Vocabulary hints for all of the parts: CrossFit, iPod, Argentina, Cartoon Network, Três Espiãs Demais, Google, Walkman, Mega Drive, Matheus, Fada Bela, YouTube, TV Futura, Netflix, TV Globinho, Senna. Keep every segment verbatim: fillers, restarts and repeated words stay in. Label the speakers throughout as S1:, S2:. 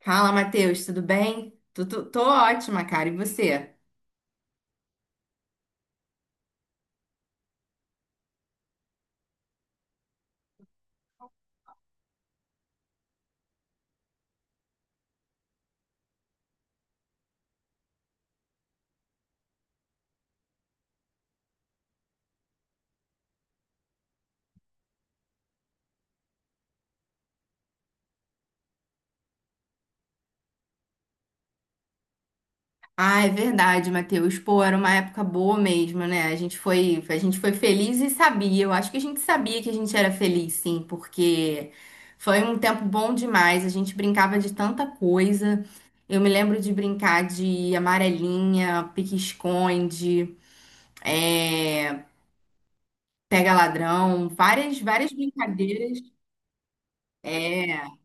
S1: Fala, Matheus, tudo bem? Tô, tô- tô ótima, cara. E você? Ah, é verdade, Matheus. Pô, era uma época boa mesmo, né? A gente foi, a gente foi feliz e sabia. Eu acho que a gente sabia que a gente era feliz, sim, porque foi um tempo bom demais. A gente brincava de tanta coisa. Eu me lembro de brincar de amarelinha, pique-esconde, é, pega-ladrão, várias, várias brincadeiras. É.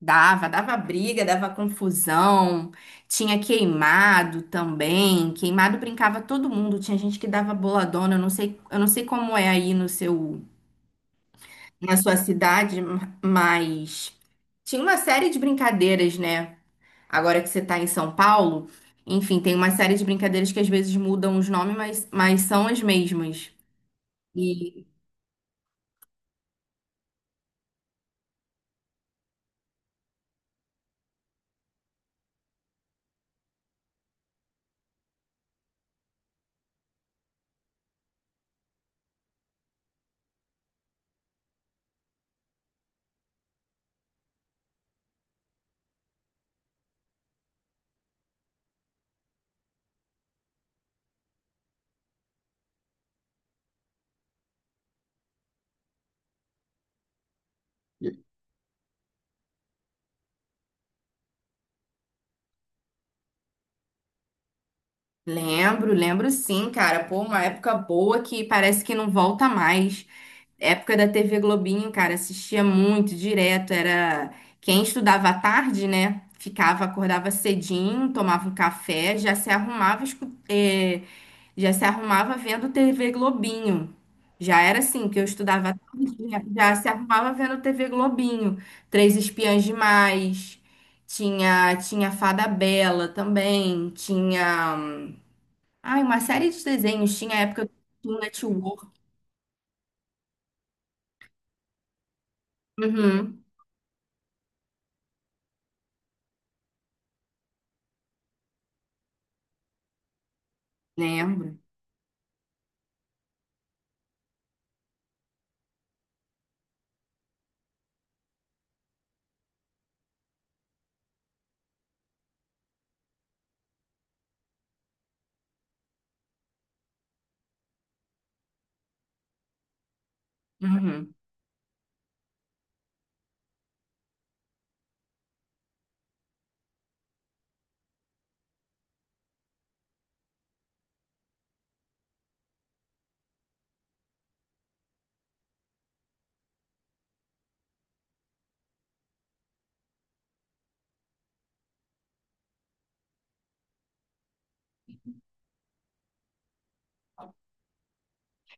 S1: Dava, dava briga, dava confusão. Tinha queimado também. Queimado brincava todo mundo. Tinha gente que dava boladona. Eu não sei, eu não sei como é aí no seu, na sua cidade, mas tinha uma série de brincadeiras, né? Agora que você tá em São Paulo, enfim, tem uma série de brincadeiras que às vezes mudam os nomes, mas, mas são as mesmas. E lembro, lembro sim, cara. Pô, uma época boa que parece que não volta mais. Época da T V Globinho, cara, assistia muito direto. Era quem estudava à tarde, né? Ficava, acordava cedinho, tomava um café, já se arrumava, escu- eh, já se arrumava vendo T V Globinho. Já era assim, que eu estudava à tarde, já já se arrumava vendo T V Globinho. Três Espiãs Demais, tinha, tinha Fada Bela também, tinha. Ai, uma série de desenhos. Tinha a época do Cartoon Network. Uhum, lembro. Uhum.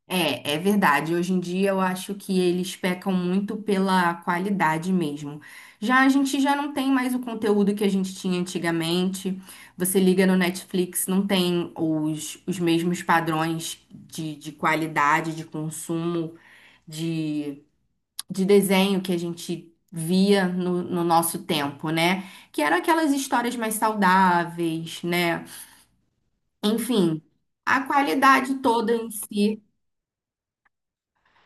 S1: É, é verdade. Hoje em dia eu acho que eles pecam muito pela qualidade mesmo. Já a gente já não tem mais o conteúdo que a gente tinha antigamente. Você liga no Netflix, não tem os, os mesmos padrões de, de qualidade, de consumo, de desenho que a gente via no, no nosso tempo, né? Que eram aquelas histórias mais saudáveis, né? Enfim, a qualidade toda em si.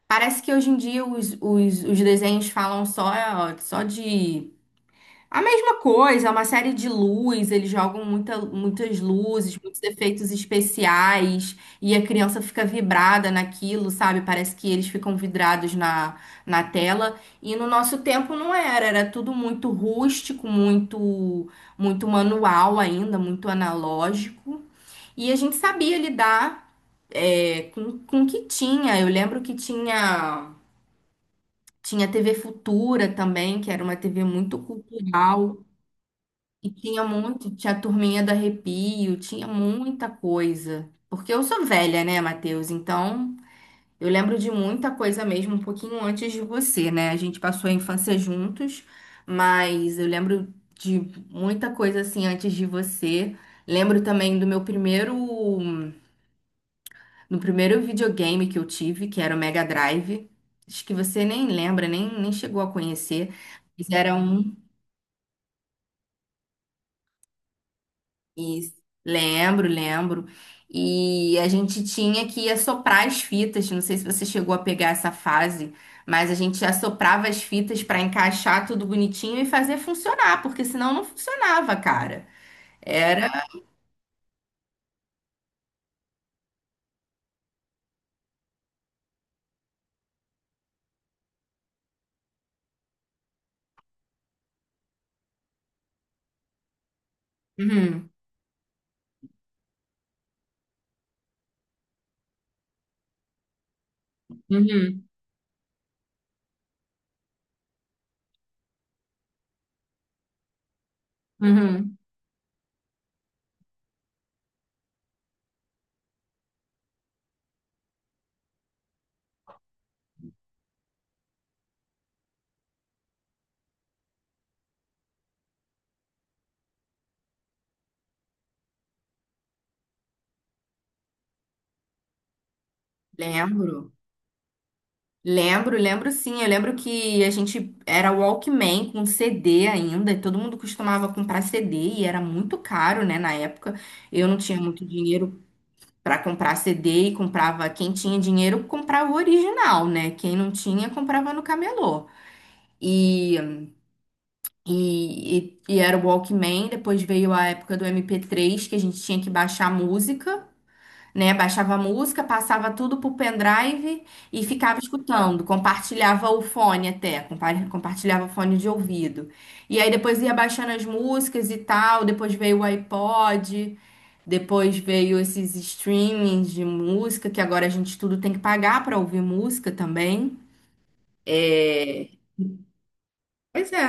S1: Parece que hoje em dia os, os, os desenhos falam só, só de a mesma coisa, é uma série de luz, eles jogam muita, muitas luzes, muitos efeitos especiais, e a criança fica vibrada naquilo, sabe? Parece que eles ficam vidrados na, na tela. E no nosso tempo não era, era tudo muito rústico, muito, muito manual ainda, muito analógico. E a gente sabia lidar, é, com, com o que tinha. Eu lembro que tinha, tinha T V Futura também, que era uma T V muito cultural. E tinha muito, tinha a turminha do arrepio, tinha muita coisa. Porque eu sou velha, né, Matheus? Então, eu lembro de muita coisa mesmo, um pouquinho antes de você, né? A gente passou a infância juntos, mas eu lembro de muita coisa assim antes de você. Lembro também do meu primeiro, do primeiro videogame que eu tive, que era o Mega Drive. Acho que você nem lembra, nem, nem chegou a conhecer. Mas era um isso. Lembro, lembro. E a gente tinha que assoprar as fitas. Não sei se você chegou a pegar essa fase, mas a gente assoprava as fitas para encaixar tudo bonitinho e fazer funcionar, porque senão não funcionava, cara. Era. Uhum, uhum, uhum. Lembro. Lembro, lembro sim. Eu lembro que a gente era Walkman com C D ainda, e todo mundo costumava comprar C D e era muito caro, né, na época. Eu não tinha muito dinheiro para comprar C D e comprava quem tinha dinheiro comprava o original, né? Quem não tinha comprava no camelô. E, e, e, e era o Walkman, depois veio a época do M P três que a gente tinha que baixar a música, né? Baixava a música, passava tudo pro pendrive e ficava escutando, compartilhava o fone até, compa- compartilhava o fone de ouvido. E aí depois ia baixando as músicas e tal, depois veio o iPod, depois veio esses streamings de música, que agora a gente tudo tem que pagar para ouvir música também. É, pois é,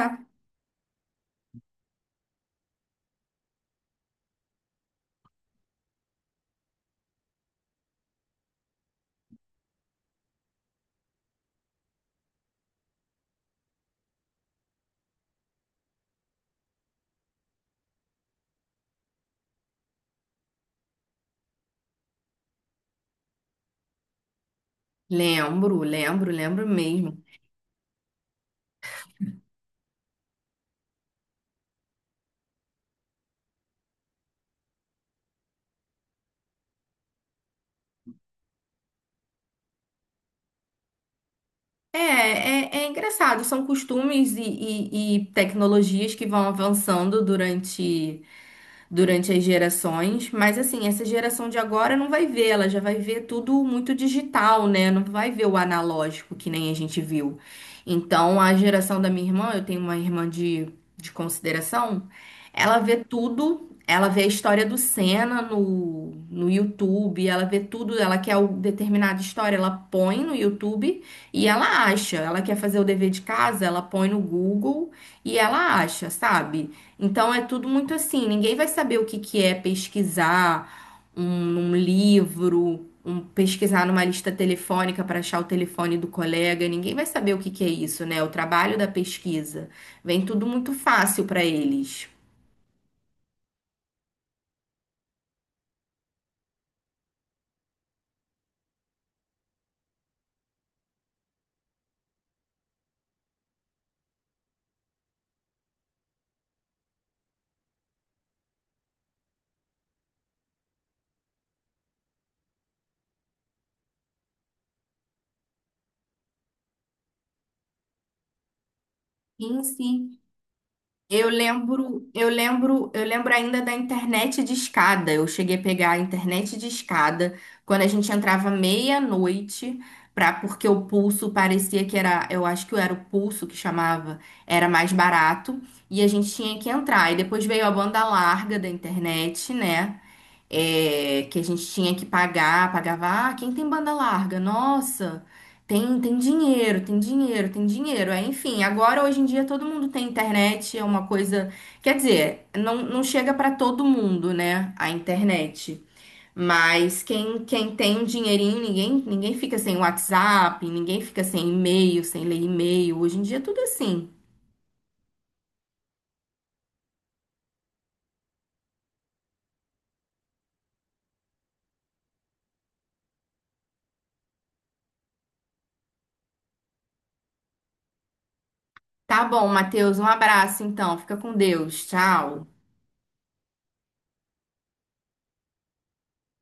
S1: lembro, lembro, lembro mesmo. É, é, é engraçado, são costumes e, e e tecnologias que vão avançando durante durante as gerações, mas assim, essa geração de agora não vai ver, ela já vai ver tudo muito digital, né? Não vai ver o analógico que nem a gente viu. Então, a geração da minha irmã, eu tenho uma irmã de, de consideração, ela vê tudo. Ela vê a história do Senna no, no YouTube, ela vê tudo, ela quer o- determinada história, ela põe no YouTube e ela acha. Ela quer fazer o dever de casa, ela põe no Google e ela acha, sabe? Então é tudo muito assim, ninguém vai saber o que que é pesquisar um, um livro, um, pesquisar numa lista telefônica para achar o telefone do colega, ninguém vai saber o que que é isso, né? O trabalho da pesquisa. Vem tudo muito fácil para eles. Sim, sim. Eu lembro, eu lembro, eu lembro ainda da internet de escada. Eu cheguei a pegar a internet de escada quando a gente entrava meia-noite, para porque o pulso parecia que era, eu acho que era o pulso que chamava, era mais barato e a gente tinha que entrar. E depois veio a banda larga da internet, né? É, que a gente tinha que pagar, pagava, ah, quem tem banda larga? Nossa, tem, tem dinheiro, tem dinheiro, tem dinheiro. É, enfim, agora hoje em dia todo mundo tem internet, é uma coisa, quer dizer, não, não chega para todo mundo, né, a internet. Mas quem, quem tem um dinheirinho, ninguém, ninguém fica sem WhatsApp, ninguém fica sem e-mail, sem ler e-mail. Hoje em dia é tudo é assim. Tá bom, Matheus, um abraço então. Fica com Deus. Tchau.